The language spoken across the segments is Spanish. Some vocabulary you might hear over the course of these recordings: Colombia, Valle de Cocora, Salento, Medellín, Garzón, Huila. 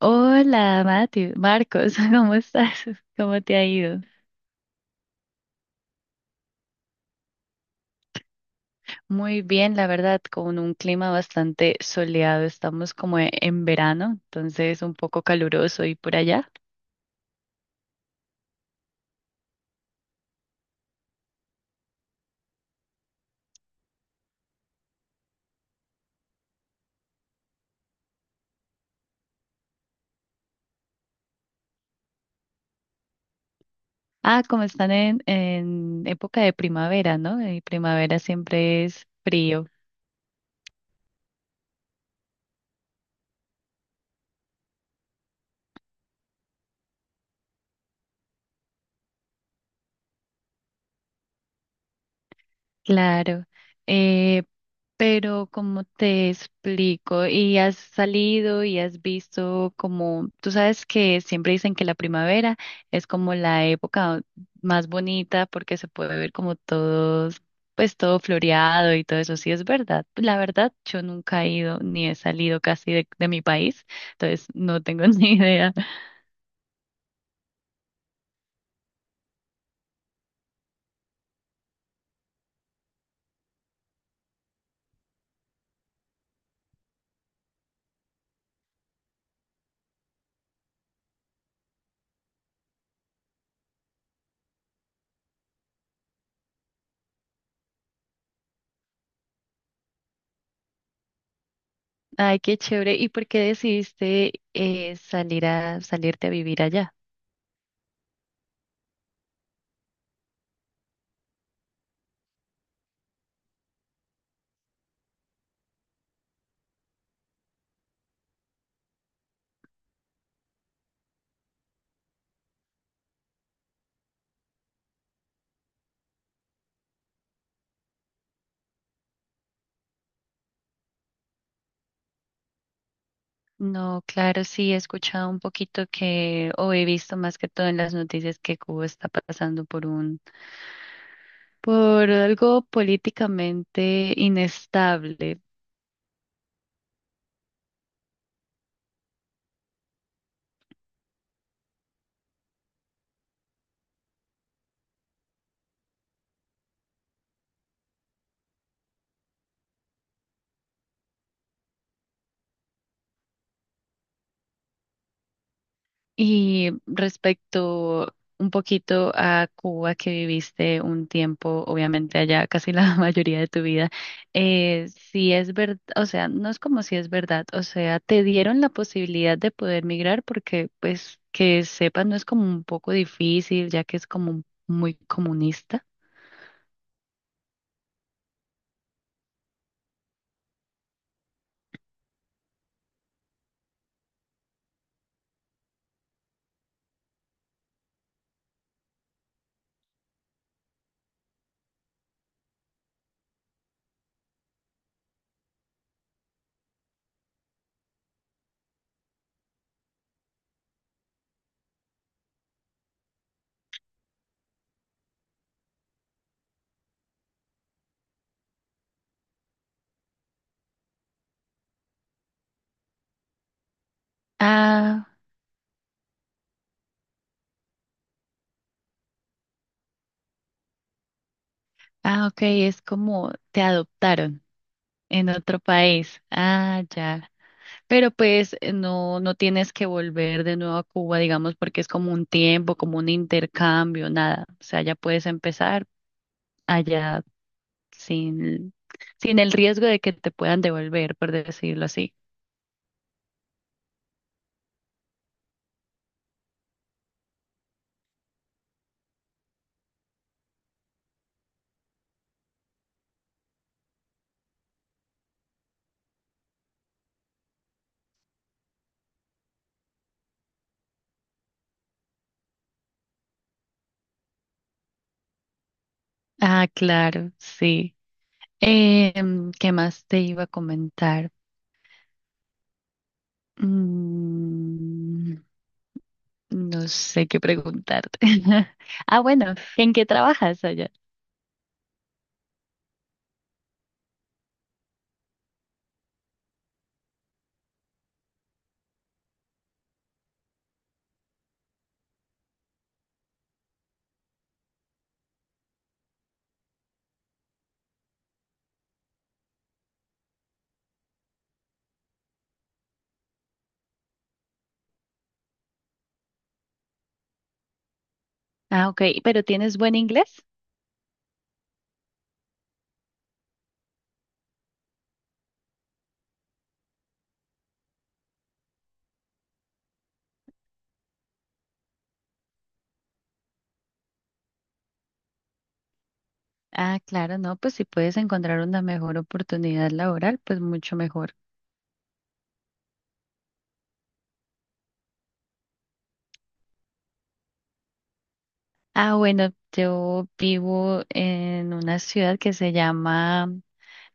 Hola, Mati, Marcos, ¿cómo estás? ¿Cómo te ha ido? Muy bien, la verdad, con un clima bastante soleado. Estamos como en verano, entonces un poco caluroso y por allá. Ah, como están en época de primavera, ¿no? Y primavera siempre es frío. Claro. Eh, Pero como te explico, y has salido y has visto como, tú sabes que siempre dicen que la primavera es como la época más bonita porque se puede ver como todos, pues todo floreado y todo eso, sí es verdad. La verdad, yo nunca he ido ni he salido casi de mi país, entonces no tengo ni idea. Ay, qué chévere. ¿Y por qué decidiste salir a salirte a vivir allá? No, claro, sí, he escuchado un poquito que. O he visto más que todo en las noticias que Cuba está pasando por por algo políticamente inestable. Y respecto un poquito a Cuba, que viviste un tiempo, obviamente allá casi la mayoría de tu vida, si es verdad, o sea, no es como si es verdad, o sea, te dieron la posibilidad de poder migrar porque, pues, que sepas, no es como un poco difícil, ya que es como muy comunista. Ah, ah, ok, es como te adoptaron en otro país. Ah, ya. Pero pues no, no tienes que volver de nuevo a Cuba, digamos, porque es como un tiempo, como un intercambio, nada. O sea, ya puedes empezar allá sin, sin el riesgo de que te puedan devolver, por decirlo así. Ah, claro, sí. Em, ¿qué más te iba a comentar? Mm, no sé qué preguntarte. Ah, bueno, ¿en qué trabajas allá? Ah, ok, pero ¿tienes buen inglés? Ah, claro, no, pues si puedes encontrar una mejor oportunidad laboral, pues mucho mejor. Ah, bueno, yo vivo en una ciudad que se llama,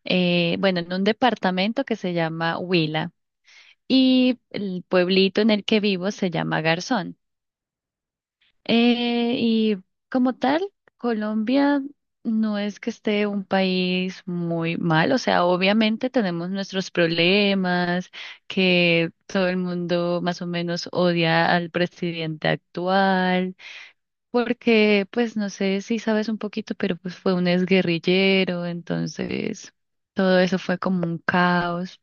bueno, en un departamento que se llama Huila y el pueblito en el que vivo se llama Garzón. Eh, y como tal, Colombia no es que esté un país muy mal, o sea, obviamente tenemos nuestros problemas, que todo el mundo más o menos odia al presidente actual, porque pues no sé si sabes un poquito, pero pues fue un exguerrillero, entonces todo eso fue como un caos.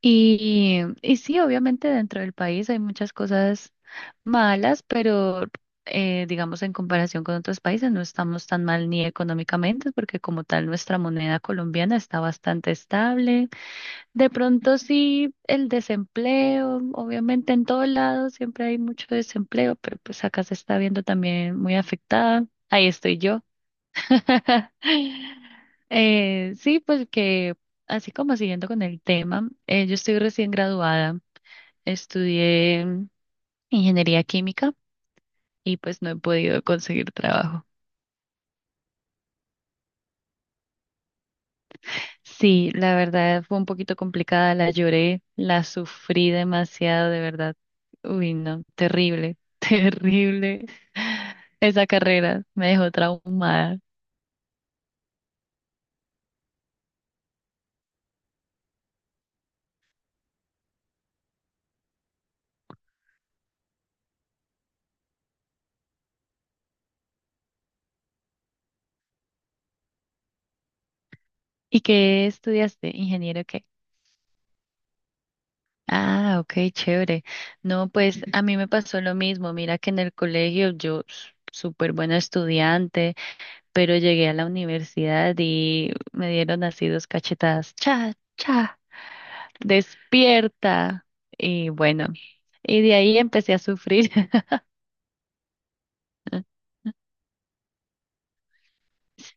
Y sí, obviamente dentro del país hay muchas cosas malas, pero digamos en comparación con otros países no estamos tan mal ni económicamente, porque como tal nuestra moneda colombiana está bastante estable. De pronto sí, el desempleo, obviamente en todo lado siempre hay mucho desempleo, pero pues acá se está viendo también muy afectada. Ahí estoy yo. Sí, pues que así como siguiendo con el tema, yo estoy recién graduada, estudié ingeniería química y pues no he podido conseguir trabajo. Sí, la verdad fue un poquito complicada, la lloré, la sufrí demasiado, de verdad. Uy, no, terrible, terrible. Esa carrera me dejó traumada. ¿Y qué estudiaste? ¿Ingeniero qué? Ah, ok, chévere. No, pues a mí me pasó lo mismo. Mira que en el colegio yo súper buena estudiante, pero llegué a la universidad y me dieron así dos cachetadas. Cha, cha, despierta. Y bueno, y de ahí empecé a sufrir.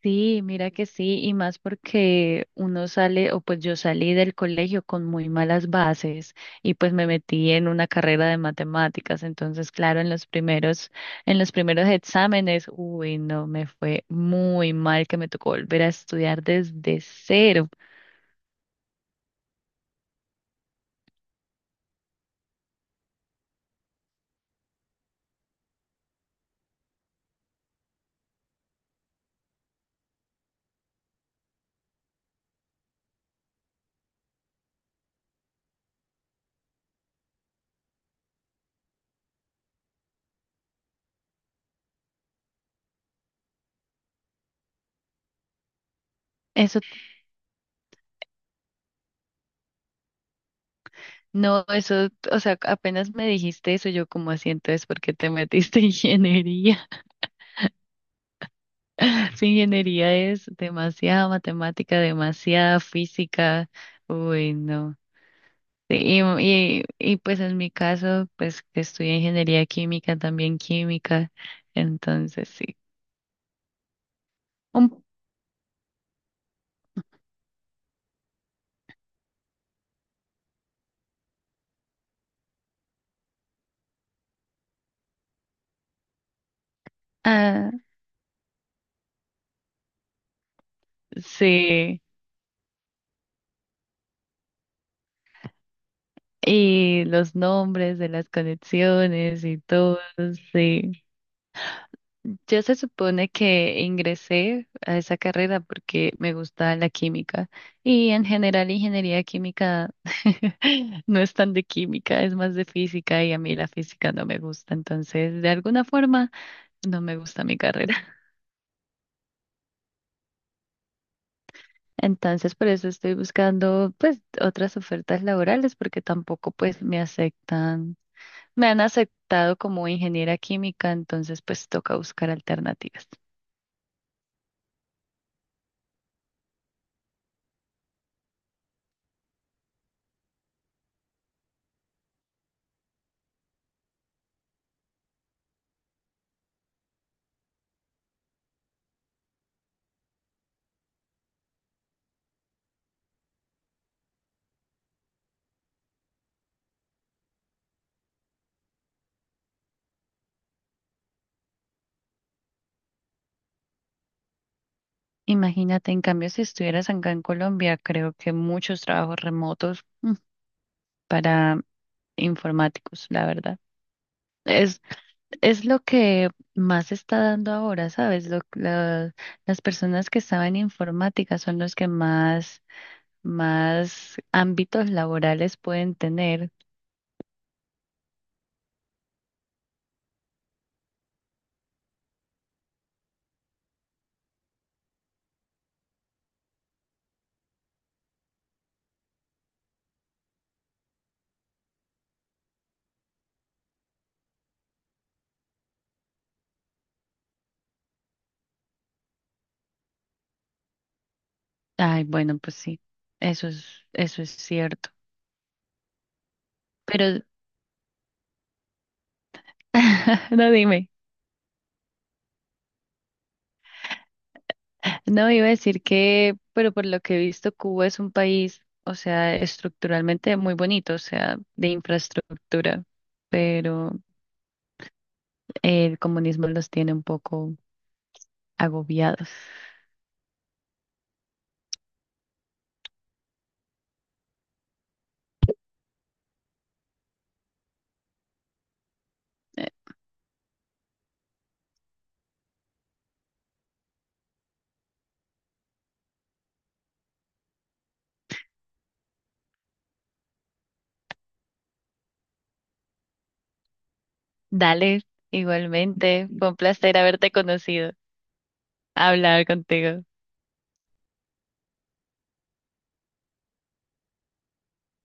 Sí, mira que sí, y más porque uno sale, o pues yo salí del colegio con muy malas bases y pues me metí en una carrera de matemáticas, entonces claro, en los primeros exámenes, uy, no, me fue muy mal que me tocó volver a estudiar desde cero. Eso, no, eso, o sea, apenas me dijiste eso, yo como así, entonces, ¿por qué te metiste en ingeniería? Su ingeniería es demasiada matemática, demasiada física. Uy, no. Y pues en mi caso, pues que estudié ingeniería química, también química. Entonces, sí. Un- ah, sí. Y los nombres de las conexiones y todo, sí. Yo se supone que ingresé a esa carrera porque me gusta la química y en general ingeniería química no es tan de química, es más de física y a mí la física no me gusta, entonces de alguna forma no me gusta mi carrera. Entonces por eso estoy buscando pues otras ofertas laborales porque tampoco pues me aceptan, me han aceptado como ingeniera química, entonces pues toca buscar alternativas. Imagínate, en cambio, si estuvieras acá en Colombia, creo que muchos trabajos remotos para informáticos, la verdad. Es, es lo que más se está dando ahora, ¿sabes? Las personas que estaban en informática son los que más, más ámbitos laborales pueden tener. Ay, bueno, pues sí, eso es, eso es cierto. Pero, no dime. No, iba a decir que, pero por lo que he visto, Cuba es un país, o sea, estructuralmente muy bonito, o sea, de infraestructura, pero el comunismo los tiene un poco agobiados. Eh, Dale, igualmente, fue un placer haberte conocido, hablar contigo.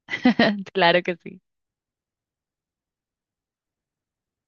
Claro que sí.